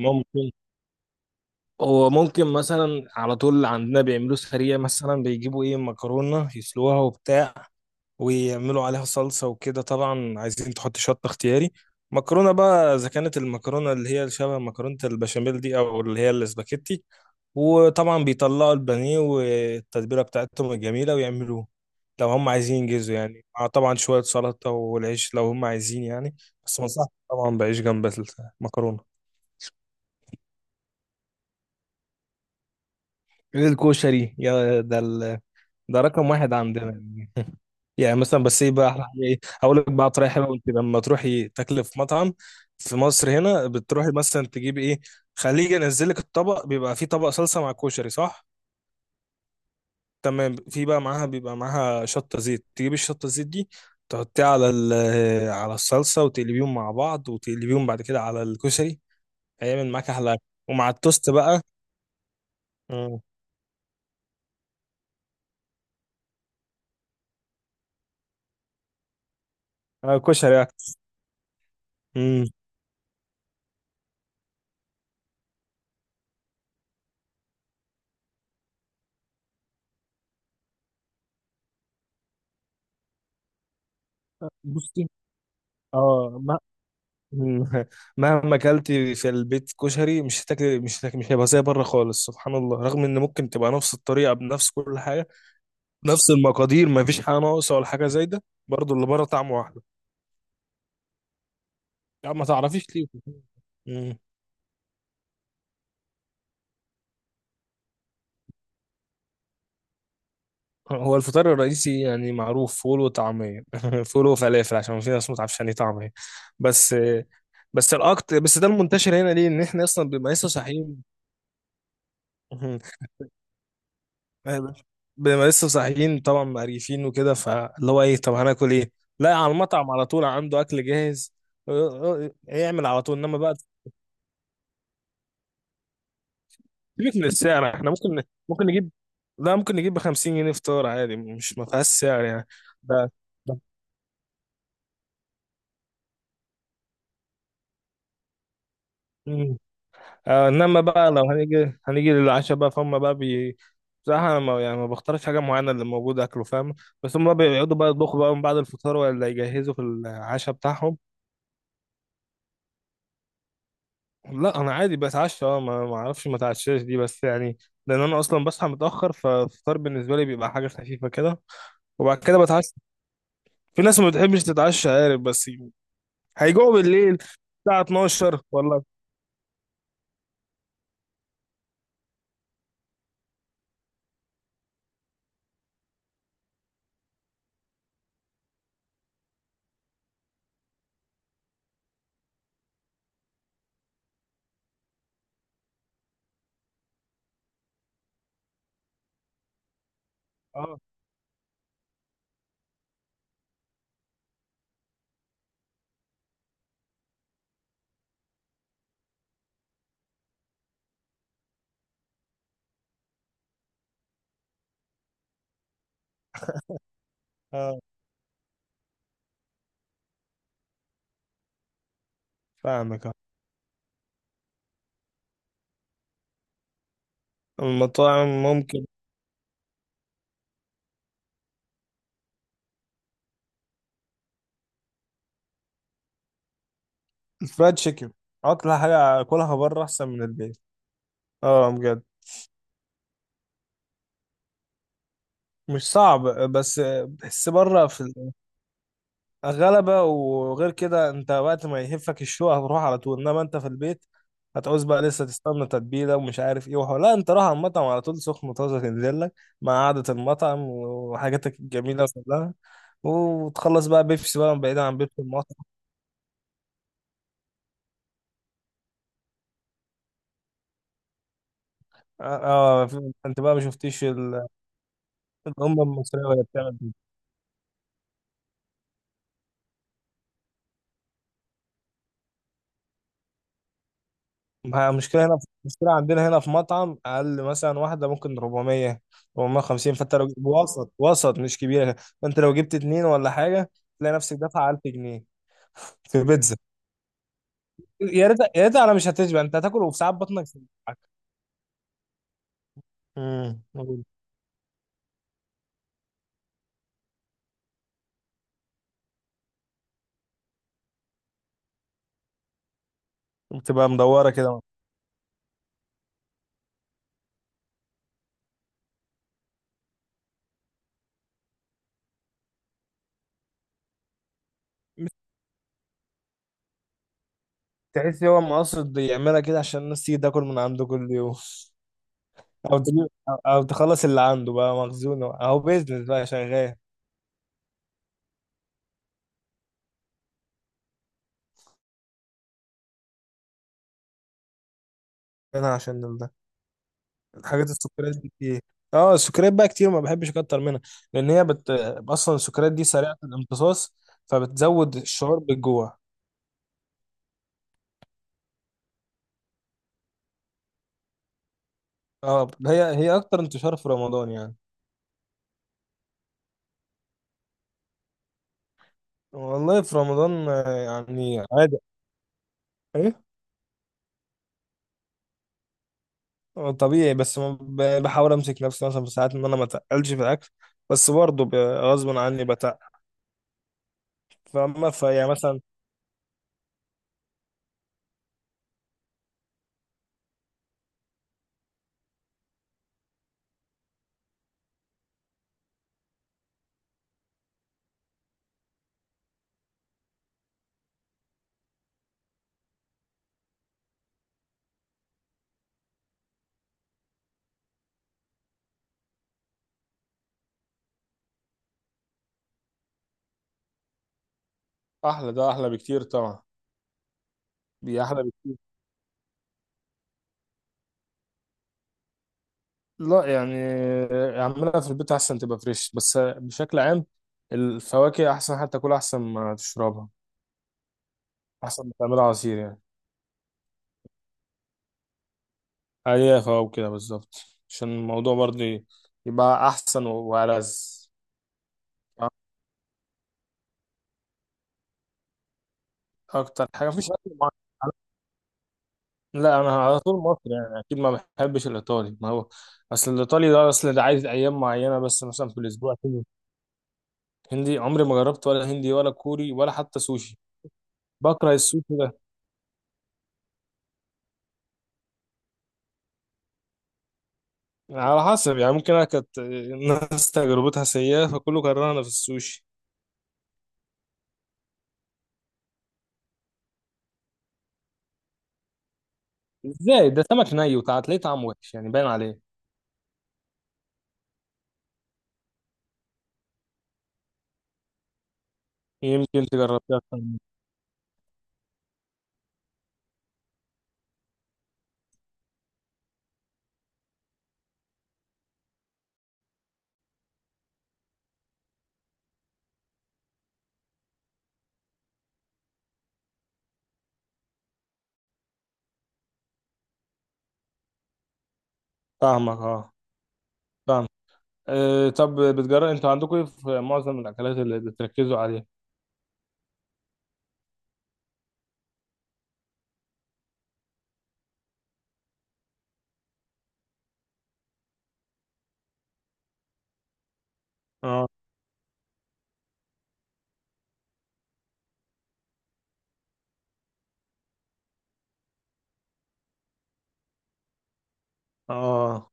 ممكن مثلا على طول عندنا بيعملوه سريع، مثلا بيجيبوا ايه، مكرونة يسلوها وبتاع، ويعملوا عليها صلصة وكده. طبعا عايزين تحط شطة اختياري. مكرونة بقى، إذا كانت المكرونة اللي هي شبه مكرونة البشاميل دي أو اللي هي الاسباجيتي. وطبعا بيطلعوا البانيه والتتبيلة بتاعتهم الجميلة ويعملوه لو هم عايزين ينجزوا، يعني مع طبعا شوية سلطة والعيش لو هم عايزين يعني. بس ما انصحش طبعا بعيش جنب المكرونة. الكشري يا ده ال... ده رقم واحد عندنا يعني. يعني مثلا، بس ايه بقى احلى حاجه، ايه، هقول لك بقى طريقه حلوه. انت لما تروحي تاكلي في مطعم في مصر هنا، بتروحي مثلا تجيبي ايه، خليه ينزل لك الطبق بيبقى فيه طبق صلصه مع كشري، صح؟ تمام، في بقى معاها، بيبقى معاها شطه زيت، تجيبي الشطه الزيت دي تحطيها على ال- على الصلصه وتقلبيهم مع بعض، وتقلبيهم بعد كده على الكشري. هيعمل معاك احلى أكل. ومع التوست بقى. امم آه، كشري بقى. امم بصي. اه. مم. مهما اكلتي في البيت كشري مش هتاكلي، مش هيبقى زي بره خالص، سبحان الله، رغم ان ممكن تبقى نفس الطريقه بنفس كل حاجه، نفس المقادير، ما فيش حاجه ناقصه ولا حاجه زايده، برضه اللي بره طعمه احلى. يعني ما تعرفيش ليه. مم. هو الفطار الرئيسي يعني معروف، فول وطعميه، فول وفلافل، عشان في ناس ما تعرفش يعني إيه طعميه. بس بس الاكتر، بس ده المنتشر هنا ليه، ان احنا اصلا بنبقى لسه صاحيين. ما- بنبقى لسه صاحيين طبعا مقريفين وكده، فاللي هو ايه، طب هناكل ايه؟ لا، على المطعم على طول عنده اكل جاهز. اه، يعمل على طول، انما بقى سيبك من السعر. احنا ممكن، ممكن نجيب لا ممكن نجيب ب 50 جنيه فطار عادي، مش ما فيهاش سعر يعني. ده ده. مم. آه، انما بقى لو هنيجي للعشاء بقى، فهم بقى بصراحة، أنا ما يعني ما بختارش حاجة معينة، اللي موجودة أكله، فاهم؟ بس هم بقى بيقعدوا بقى يطبخوا بقى من بعد الفطار، ولا يجهزوا في العشاء بتاعهم. لا، انا عادي بتعشى. اه، ما اعرفش ما اتعشاش دي، بس يعني لان انا اصلا بصحى متاخر، فالفطار بالنسبه لي بيبقى حاجه خفيفه كده، وبعد كده بتعشى. في ناس ما بتحبش تتعشى، عارف، بس هيجوعوا بالليل الساعه 12 ولا. اه. اه، فاهمك. اه، المطاعم ممكن الفرايد تشيكن. اطلع حاجه اكلها بره احسن من البيت. اه، بجد. مش صعب، بس بحس بره في غلبة. وغير كده، انت وقت ما يهفك الشوق هتروح على طول. انما انت في البيت هتعوز بقى لسه تستنى تتبيلة ومش عارف ايه وحوار. لا، انت راح على المطعم على طول، سخن طازة تنزل لك مع قعدة المطعم وحاجاتك الجميلة كلها. وتخلص بقى بيبسي بقى، بعيدا عن بيبسي المطعم. اه. اه، انت بقى ما شفتيش الأمة المصرية وهي بتعمل. ما المشكلة هنا، في المشكلة عندنا هنا في مطعم أقل مثلا واحدة ممكن 400، 450. فأنت لو جبت وسط مش كبيرة، فأنت لو جبت اتنين ولا حاجة، تلاقي نفسك دافع 1000 جنيه في بيتزا. يا ريت، يا ريت، على مش هتشبع، أنت هتاكل وفي ساعات بطنك ساعات. امم بتبقى مدورة كده. تحس هو مقصد يعملها كده عشان الناس تيجي تاكل من عنده كل يوم. أو تخلص اللي عنده بقى مخزون، أهو بيزنس بقى شغال. هنا عشان ده حاجات السكريات دي كتير. اه، السكريات بقى كتير ما بحبش اكتر منها، لان هي اصلا السكريات دي سريعه الامتصاص، فبتزود الشعور بالجوع. اه، هي اكتر انتشار في رمضان يعني. والله في رمضان آه، يعني عادي. ايه؟ آه، طبيعي، بس ما ب- بحاول امسك نفسي مثلا في ساعات، ان انا ما اتقلش في الاكل، بس برضه غصب عني بتقل. فاما فيعني مثلا احلى، ده احلى بكتير طبعا. دي احلى. لا، يعني اعملها في البيت احسن، تبقى فريش. بس بشكل عام الفواكه احسن، حتى تاكلها احسن ما تشربها، احسن ما تعملها عصير يعني. اي فواكه كده بالظبط، عشان الموضوع برضه يبقى احسن وألذ. اكتر حاجه مفيش اكل معين. لا، انا على طول مصري يعني اكيد، ما بحبش الايطالي. ما هو اصل الايطالي ده، اصل ده عايز ايام معينه بس مثلا في الاسبوع كده. هندي عمري ما جربت، ولا هندي ولا كوري ولا حتى سوشي. بكره السوشي ده. على حسب يعني، ممكن انا كانت الناس تجربتها سيئة، فكله كرهنا في السوشي. ازاي ده سمك ني، وتلاقيه طعمه وحش يعني باين عليه. يمكن تجربتها أكتر مني. فاهمك. اه، فاهم. أه، طب بتجرب انتوا عندكم ايه في معظم الاكلات اللي بتركزوا عليها. اه. اه،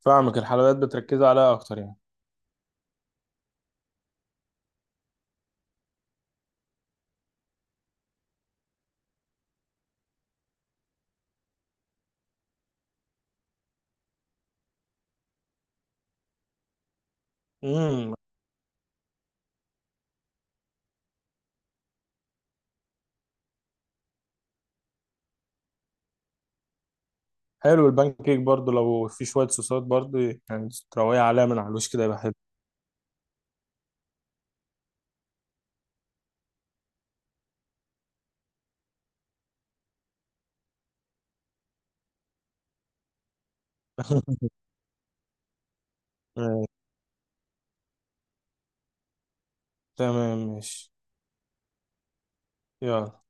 فاهمك، الحلويات بتركزوا عليها اكتر يعني. امم حلو، البان كيك برضو لو في شوية صوصات برضو، يعني تروقي عليها من على الوش كده يبقى حلو. آه، تمام، ماشي. يلا.